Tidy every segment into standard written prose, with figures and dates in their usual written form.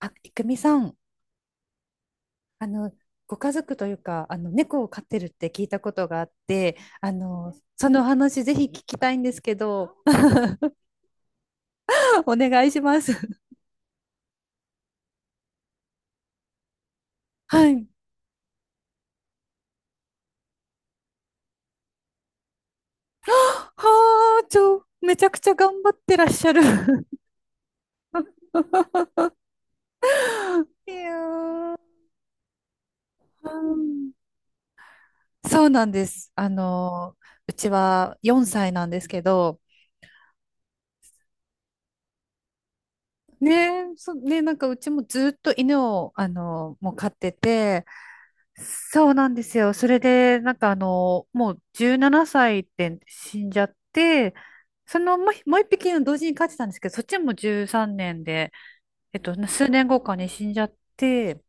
あ、いくみさん、あの、ご家族というか、猫を飼ってるって聞いたことがあって、そのお話ぜひ聞きたいんですけど、お願いします。はい。はあ、めちゃくちゃ頑張ってらっしゃる。いやー、うん、そうなんです。うちは4歳なんですけど、ねえ、ねえ、なんかうちもずっと犬を、もう飼ってて、そうなんですよ。それで、なんかもう17歳で死んじゃって、そのもう一匹の同時に飼ってたんですけど、そっちも13年で、数年後かに死んじゃって、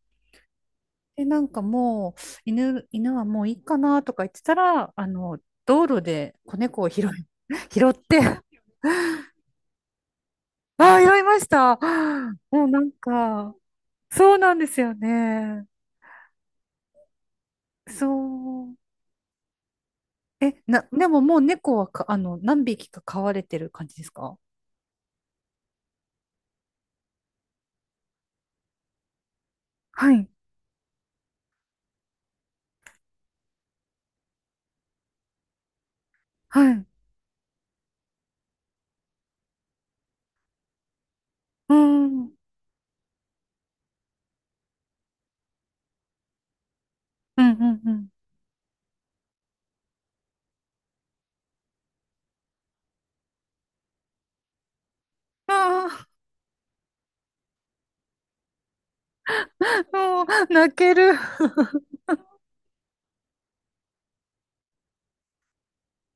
で、なんかもう、犬はもういいかなとか言ってたら、道路で子猫を拾い、拾って、ああ、拾いました。もうなんか、そうなんですよね。そう。え、でももう猫はか、何匹か飼われてる感じですか？はい、はい。うーん、うん、うん、うん。ああ、もう、泣ける。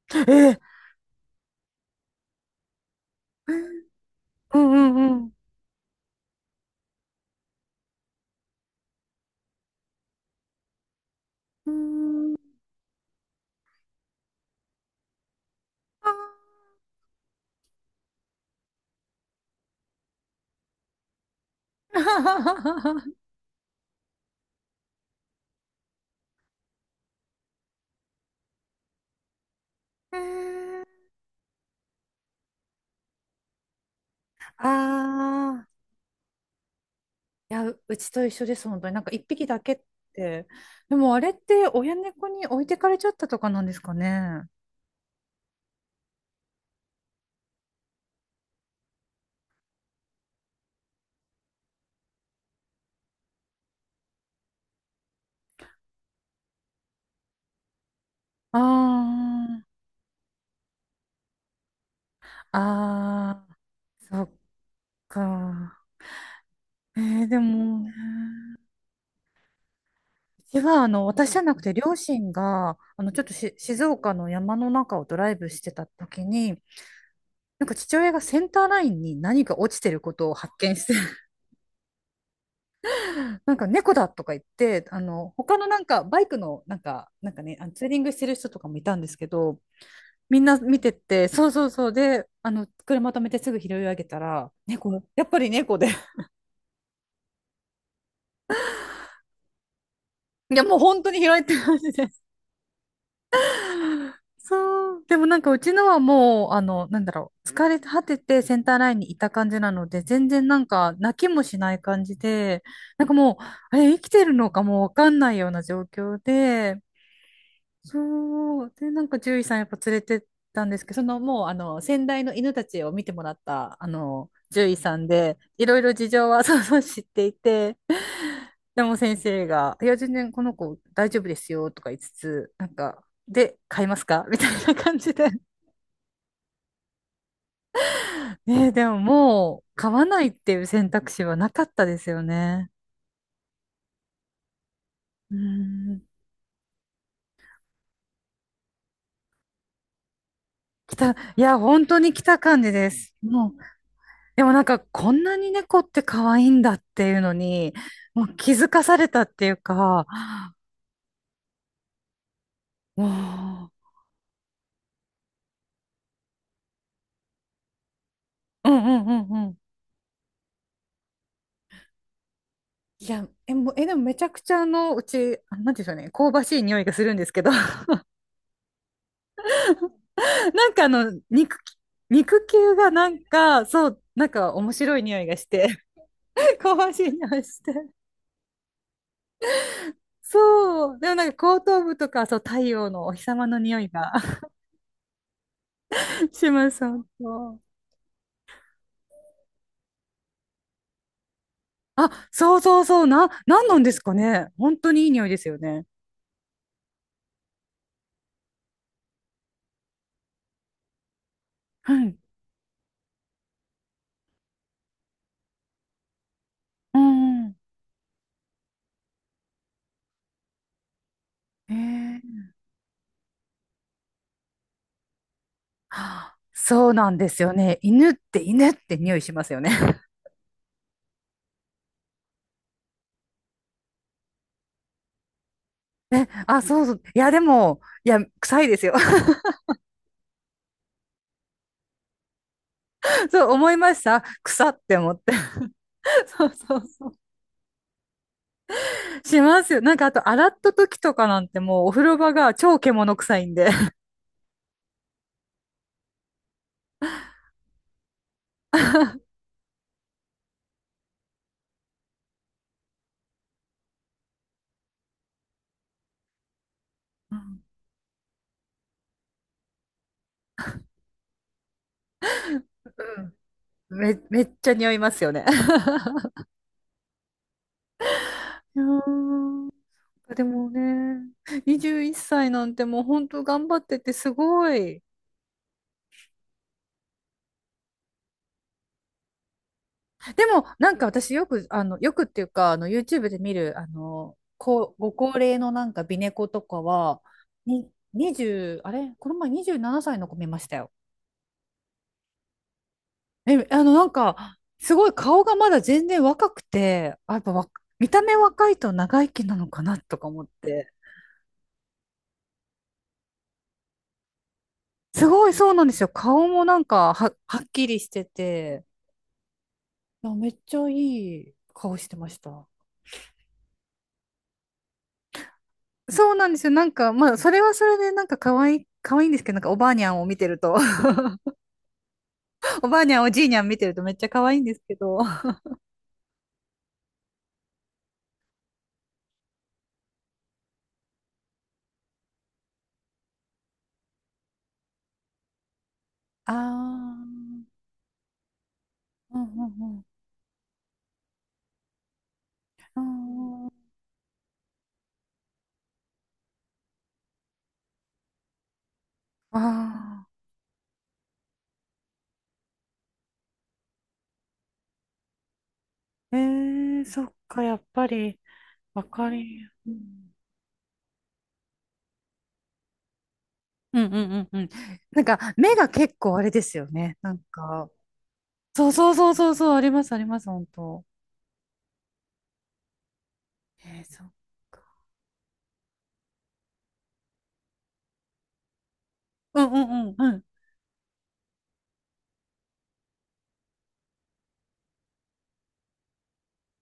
え、うん、うん、うん。うーん。あー えー、あー。いや、うちと一緒です、本当に。なんか一匹だけって。でもあれって親猫に置いてかれちゃったとかなんですかね。ああ、ああ、そっか。えー、でもね。私じゃなくて、両親が、ちょっと静岡の山の中をドライブしてた時に、なんか父親がセンターラインに何か落ちてることを発見して、なんか猫だとか言って、他のなんかバイクの、なんかね、ツーリングしてる人とかもいたんですけど、みんな見てて、そうそうそう、で、車止めてすぐ拾い上げたら、やっぱり猫で、いや、もう本当に拾えてますね。そう。でもなんかうちのはもう、なんだろう。疲れ果ててセンターラインにいた感じなので、全然なんか泣きもしない感じで、なんかもう、あれ生きてるのかもうわかんないような状況で、そう。で、なんか獣医さんやっぱ連れてったんですけど、そのもうあの先代の犬たちを見てもらったあの獣医さんで、いろいろ事情は そうそう知っていて、でも先生が、いや、全然この子大丈夫ですよとか言いつつ、なんか、で、買いますかみたいな感じで。ねえ、でももう買わないっていう選択肢はなかったですよね。うん。来た、いや、本当に来た感じです。もうでもなんかこんなに猫って可愛いんだっていうのに、もう気づかされたっていうか、もう、うん、うん、うん、うん。いや、え、もう、え、でもめちゃくちゃあ、なんていうんでしょうね、香ばしい匂いがするんですけど、なんか肉球がなんか、そう、なんか面白い匂いがして、香ばしい匂いして。そう、でもなんか後頭部とか、そう、太陽のお日様の匂いが します、本当。あ、そうそうそう、なんなんですかね。本当にいい匂いですよね。はい。うん。えー、そうなんですよね。犬って匂いしますよね。え、あ、そうそう。いや、でも、いや、臭いですよ。そう思いました。臭って思って。そうそうそう。しますよ。なんか、あと、洗った時とかなんてもう、お風呂場が超獣臭いんで。うん。うん、めっちゃ匂いますよね。いやー、でもね、21歳なんてもう本当頑張っててすごい。でもなんか私よく、よくっていうか、YouTube で見る、こう、ご高齢のなんか美猫とかは、に、20、あれこの前27歳の子見ましたよ。え、なんか、すごい顔がまだ全然若くて、あ、やっぱ見た目若いと長生きなのかなとか思って。すごいそうなんですよ。顔もなんかはっきりしてて。あ、めっちゃいい顔してました。そうなんですよ。なんか、まあ、それはそれで、なんか可愛い、可愛いんですけど、なんかおばあにゃんを見てると、おばあにゃん、おじいにゃん見てるとめっちゃ可愛いんですけど。あ、あ、うん、うん、うん。ああ。あ、えー、そっか、やっぱり、わかり、うん、うん、うん、うん、うん。なんか、目が結構あれですよね。なんか、そうそうそうそうそう、あります、あります、本当。えー、そっか。うん、うん、うん、うん。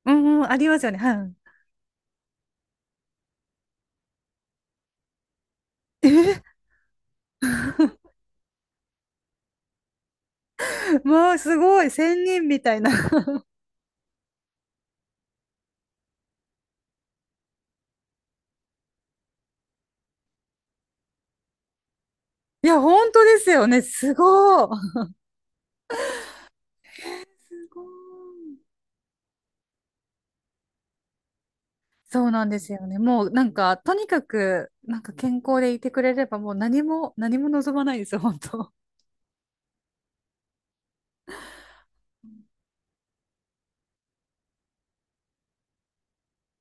うん、うん、ありますよね。はい。えー まあ、すごい、仙人みたいな。いや、本当ですよね。すごい。すごい。そうなんですよね。もうなんか、とにかく、なんか健康でいてくれれば、もう何も、何も望まないですよ、本当。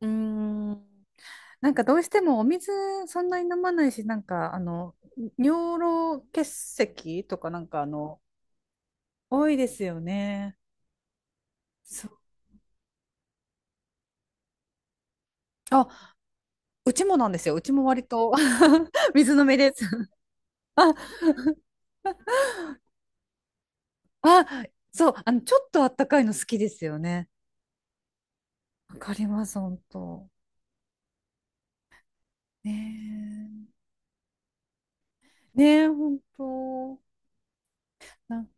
うーん。なんかどうしてもお水そんなに飲まないし、なんか、尿路結石とかなんか、多いですよね。そう。あ、うちもなんですよ。うちも割と 水飲みです。あ、そう、ちょっとあったかいの好きですよね。わかります、本当。ねえ、ねえ、本当。なん、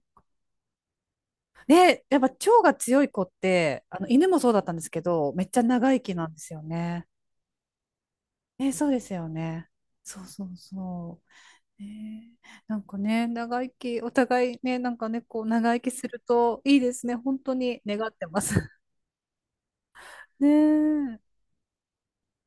ねえ、やっぱ腸が強い子って、犬もそうだったんですけど、めっちゃ長生きなんですよね。ねえ、そうですよね。そうそうそう。ねえ、なんかね、長生き、お互いね、なんかね、こう、長生きするといいですね。本当に願ってます。ねえ。